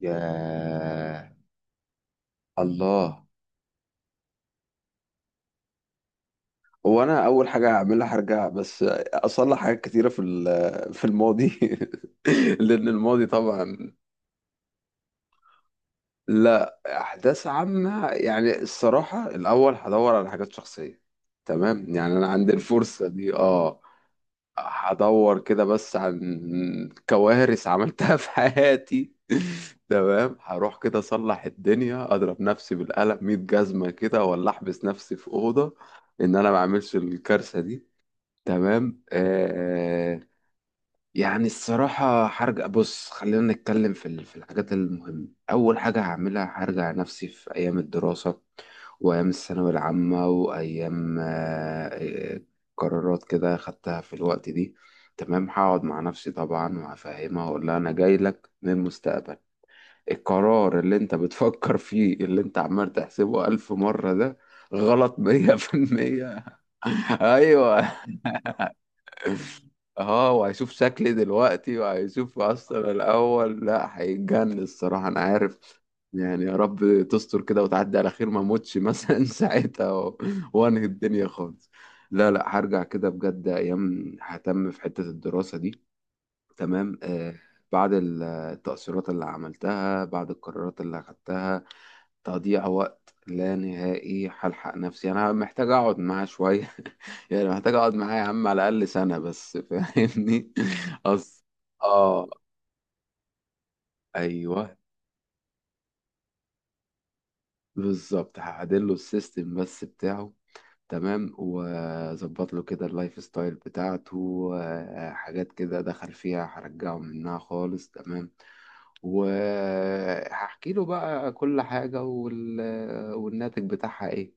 ياه. الله. هو انا اول حاجه هعملها هرجع بس اصلح حاجات كتيره في الماضي لان الماضي طبعا لا احداث عامه، يعني الصراحه الاول هدور على حاجات شخصيه. تمام، يعني انا عندي الفرصه دي. اه، هدور كده بس عن كوارث عملتها في حياتي تمام هروح كده اصلح الدنيا، اضرب نفسي بالقلم 100 جزمة كده ولا احبس نفسي في أوضة ان انا ما اعملش الكارثة دي. تمام آه. يعني الصراحة هرجع، بص خلينا نتكلم في الحاجات المهمة. أول حاجة هعملها هرجع نفسي في أيام الدراسة وأيام الثانوية العامة وأيام، آه، قرارات كده خدتها في الوقت دي. تمام هقعد مع نفسي طبعا وهفهمها وأقول لها أنا جاي لك من المستقبل، القرار اللي أنت بتفكر فيه اللي أنت عمال تحسبه ألف مرة ده غلط مية في المية. ايوه. اه، وهيشوف شكلي دلوقتي وهيشوف اصلا الاول، لا هيتجنن الصراحه انا عارف. يعني يا رب تستر كده وتعدي على خير ما اموتش مثلا ساعتها وانهي الدنيا خالص. لا لا، هرجع كده بجد ايام ههتم في حته الدراسه دي. تمام آه. بعد التأثيرات اللي عملتها، بعد القرارات اللي أخدتها تضييع وقت لا نهائي. هلحق نفسي، انا محتاج اقعد معاه شويه يعني محتاج اقعد معاه يا عم على الاقل سنه بس فاهمني اصل. اه. ايوه بالظبط، هعدل له السيستم بس بتاعه. تمام واظبط له كده اللايف ستايل بتاعته، حاجات كده دخل فيها هرجعه منها خالص. تمام وهحكي له بقى كل حاجه والناتج بتاعها ايه.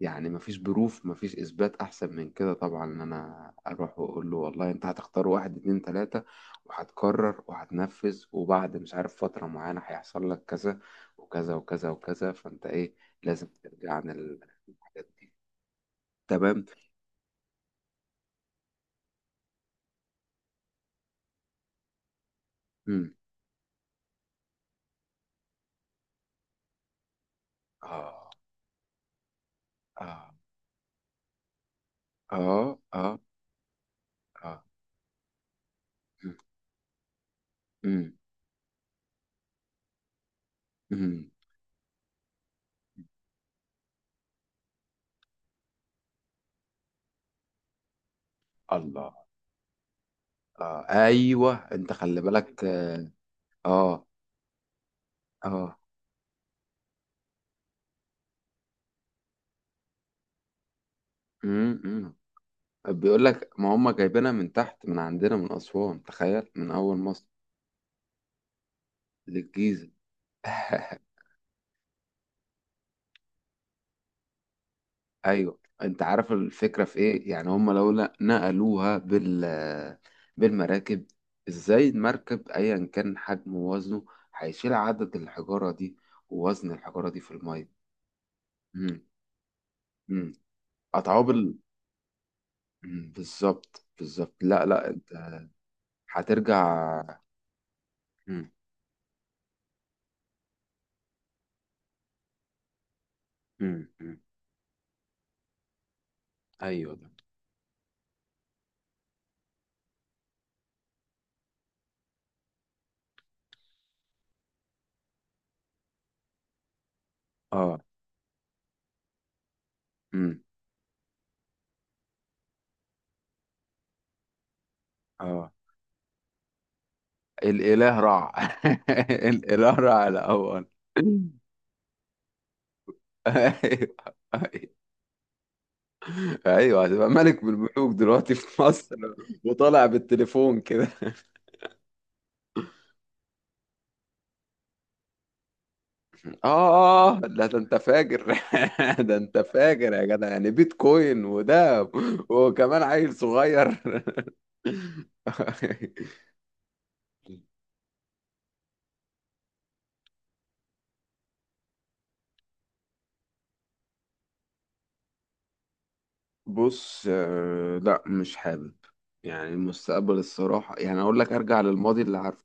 يعني مفيش بروف مفيش اثبات احسن من كده طبعا، ان انا اروح واقول له والله انت هتختار واحد اتنين تلاتة وهتكرر وهتنفذ وبعد مش عارف فترة معينة هيحصل لك كذا وكذا وكذا وكذا فانت ايه؟ لازم ترجع عن الحاجات دي. تمام. مم. اه اه. اه اه. اه. مم. مم. مم. الله. آه. ايوه انت خلي بالك. اه اه. آه. بيقول لك ما هم جايبينها من تحت من عندنا من أسوان، تخيل من أول مصر للجيزة. أيوه أنت عارف الفكرة في إيه؟ يعني هم لو لا نقلوها بالمراكب، إزاي المركب أيا كان حجمه ووزنه هيشيل عدد الحجارة دي ووزن الحجارة دي في المية. مم. مم. قطعوه بال بالظبط بالظبط. لا لا أنت هترجع. مم. مم. مم. أيوه ده. آه. مم. آه. الإله رع الإله رع الأول. أيوه. أيوه أيوه هتبقى ملك من الملوك دلوقتي في مصر. وطالع بالتليفون كده. آه آه، لا ده أنت فاجر ده أنت فاجر يا جدع، يعني بيتكوين وده وكمان عيل صغير بص، لا مش حابب. يعني المستقبل الصراحة، يعني أقول لك أرجع للماضي اللي عارفه.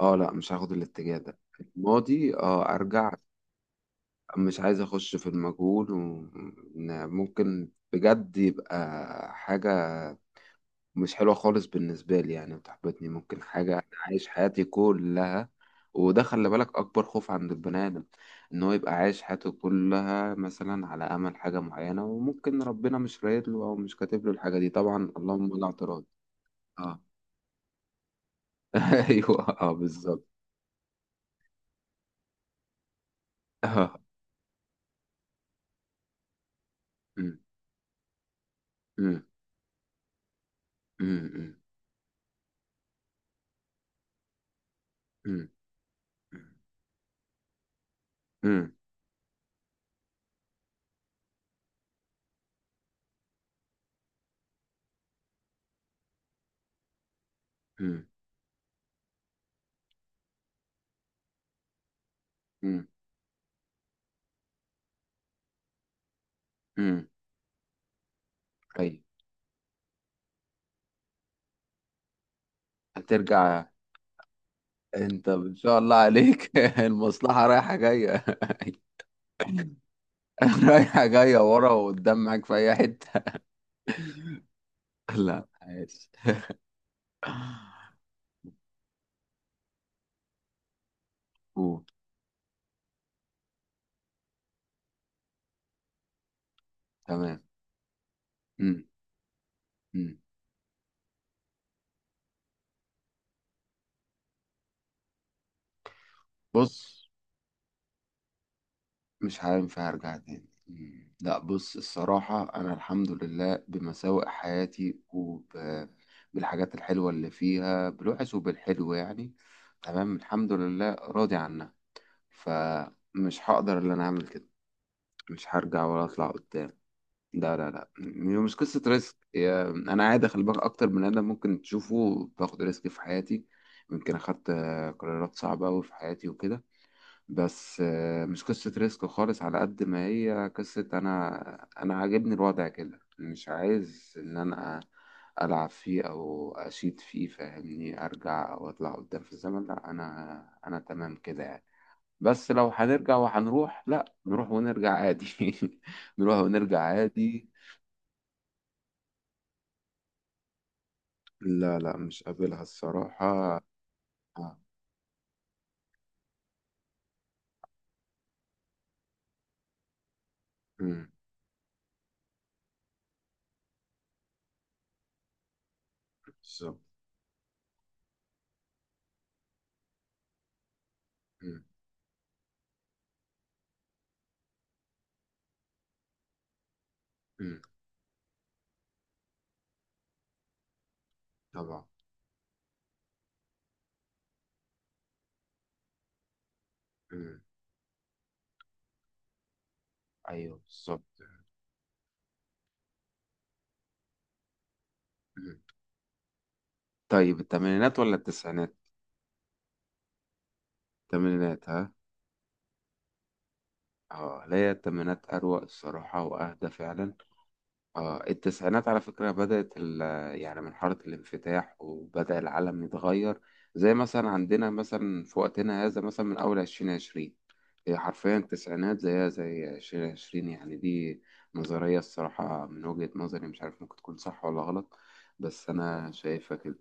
اه لا، مش هاخد الاتجاه ده. الماضي، اه ارجع. مش عايز اخش في المجهول، وممكن بجد يبقى حاجة مش حلوة خالص بالنسبة لي. يعني بتحبطني ممكن حاجة أنا عايش حياتي كلها، وده خلي بالك أكبر خوف عند البني آدم، إن هو يبقى عايش حياته كلها مثلا على أمل حاجة معينة وممكن ربنا مش رايد له أو مش كاتب له الحاجة دي، طبعا اللهم لا اعتراض. اه. أيوه اه بالظبط. اه. أمم. أمم. أمم. أمم. مم. مم. مم. مم. ايوه هترجع. انت ان شاء الله عليك المصلحة رايحة جاية. رايحة جاية ورا وقدام معاك في اي حتة. لا عايز. أوه. تمام. مم. مم. بص مش هينفع ارجع تاني. مم. لا بص الصراحة انا الحمد لله بمساوئ حياتي وبالحاجات الحلوة اللي فيها، بالوحش وبالحلو يعني. تمام الحمد لله راضي عنها، فمش هقدر ان انا اعمل كده. مش هرجع ولا اطلع قدام. لا لا لا، مش قصة ريسك. انا عادي خلي بالك اكتر من ادم ممكن تشوفه باخد ريسك في حياتي. يمكن اخدت قرارات صعبة أوي في حياتي وكده. بس مش قصة ريسك خالص على قد ما هي قصة انا عاجبني الوضع كده. مش عايز ان انا العب فيه او اشيد فيه فاهمني، ارجع او اطلع قدام في الزمن. لا انا تمام كده يعني. بس لو هنرجع وهنروح لا، نروح ونرجع عادي نروح ونرجع عادي. لا لا مش قابلها الصراحة. آه، مم. بالظبط. مم. مم. طبعا. مم. أيوه بالظبط. مم. طيب الثمانينات ولا التسعينات؟ الثمانينات ها؟ اه لا، هي الثمانينات أروق الصراحة وأهدى فعلا. آه التسعينات على فكرة بدأت يعني من حارة الانفتاح وبدأ العالم يتغير، زي مثلا عندنا مثلا في وقتنا هذا مثلا من أول عشرين عشرين. هي حرفيا التسعينات زيها زي عشرين عشرين يعني. دي نظرية الصراحة من وجهة نظري، مش عارف ممكن تكون صح ولا غلط، بس أنا شايفها كده.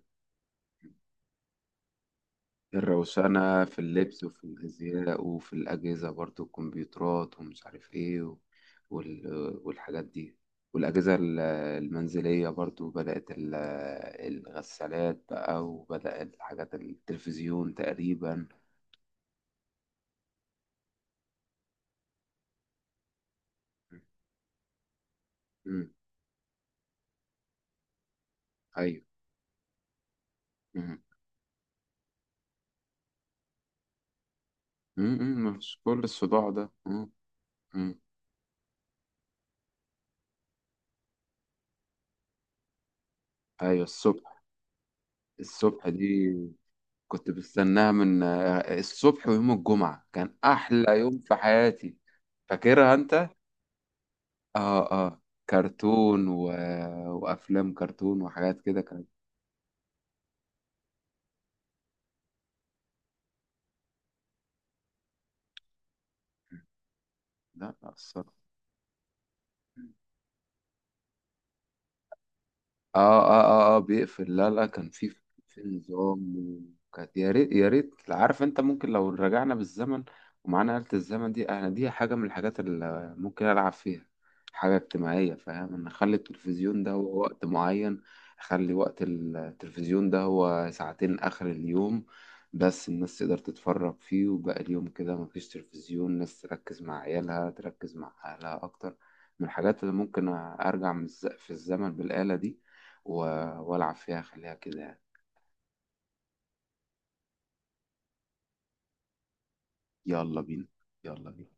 الروسانة في اللبس وفي الأزياء وفي الأجهزة برضو، الكمبيوترات ومش عارف إيه، والحاجات دي. والأجهزة ال- المنزلية برضو بدأت الغسالات بقى، وبدأ الحاجات التلفزيون تقريبا. مم. أيوة. مم. مم. مم. مش كل الصداع ده. مم. مم. أيوة الصبح. الصبح دي كنت بستناها من الصبح، ويوم الجمعة كان أحلى يوم في حياتي. فاكرها أنت؟ اه اه. كرتون و... وافلام كرتون وحاجات كده كانت. لا لا الصراحه. اه اه. اه اه بيقفل. لا لا كان في في نظام. وكانت يا ريت، يا ريت عارف انت ممكن لو رجعنا بالزمن ومعانا آلة الزمن دي، انا دي حاجة من الحاجات اللي ممكن العب فيها حاجة اجتماعية فاهم. انا اخلي التلفزيون ده هو وقت معين، اخلي وقت التلفزيون ده هو ساعتين اخر اليوم بس، الناس تقدر تتفرج فيه وباقي اليوم كده مفيش تلفزيون، الناس تركز مع عيالها تركز مع اهلها اكتر. من الحاجات اللي ممكن ارجع في الزمن بالآلة دي والعب فيها خليها كده يعني. يلا بينا. يلا بينا.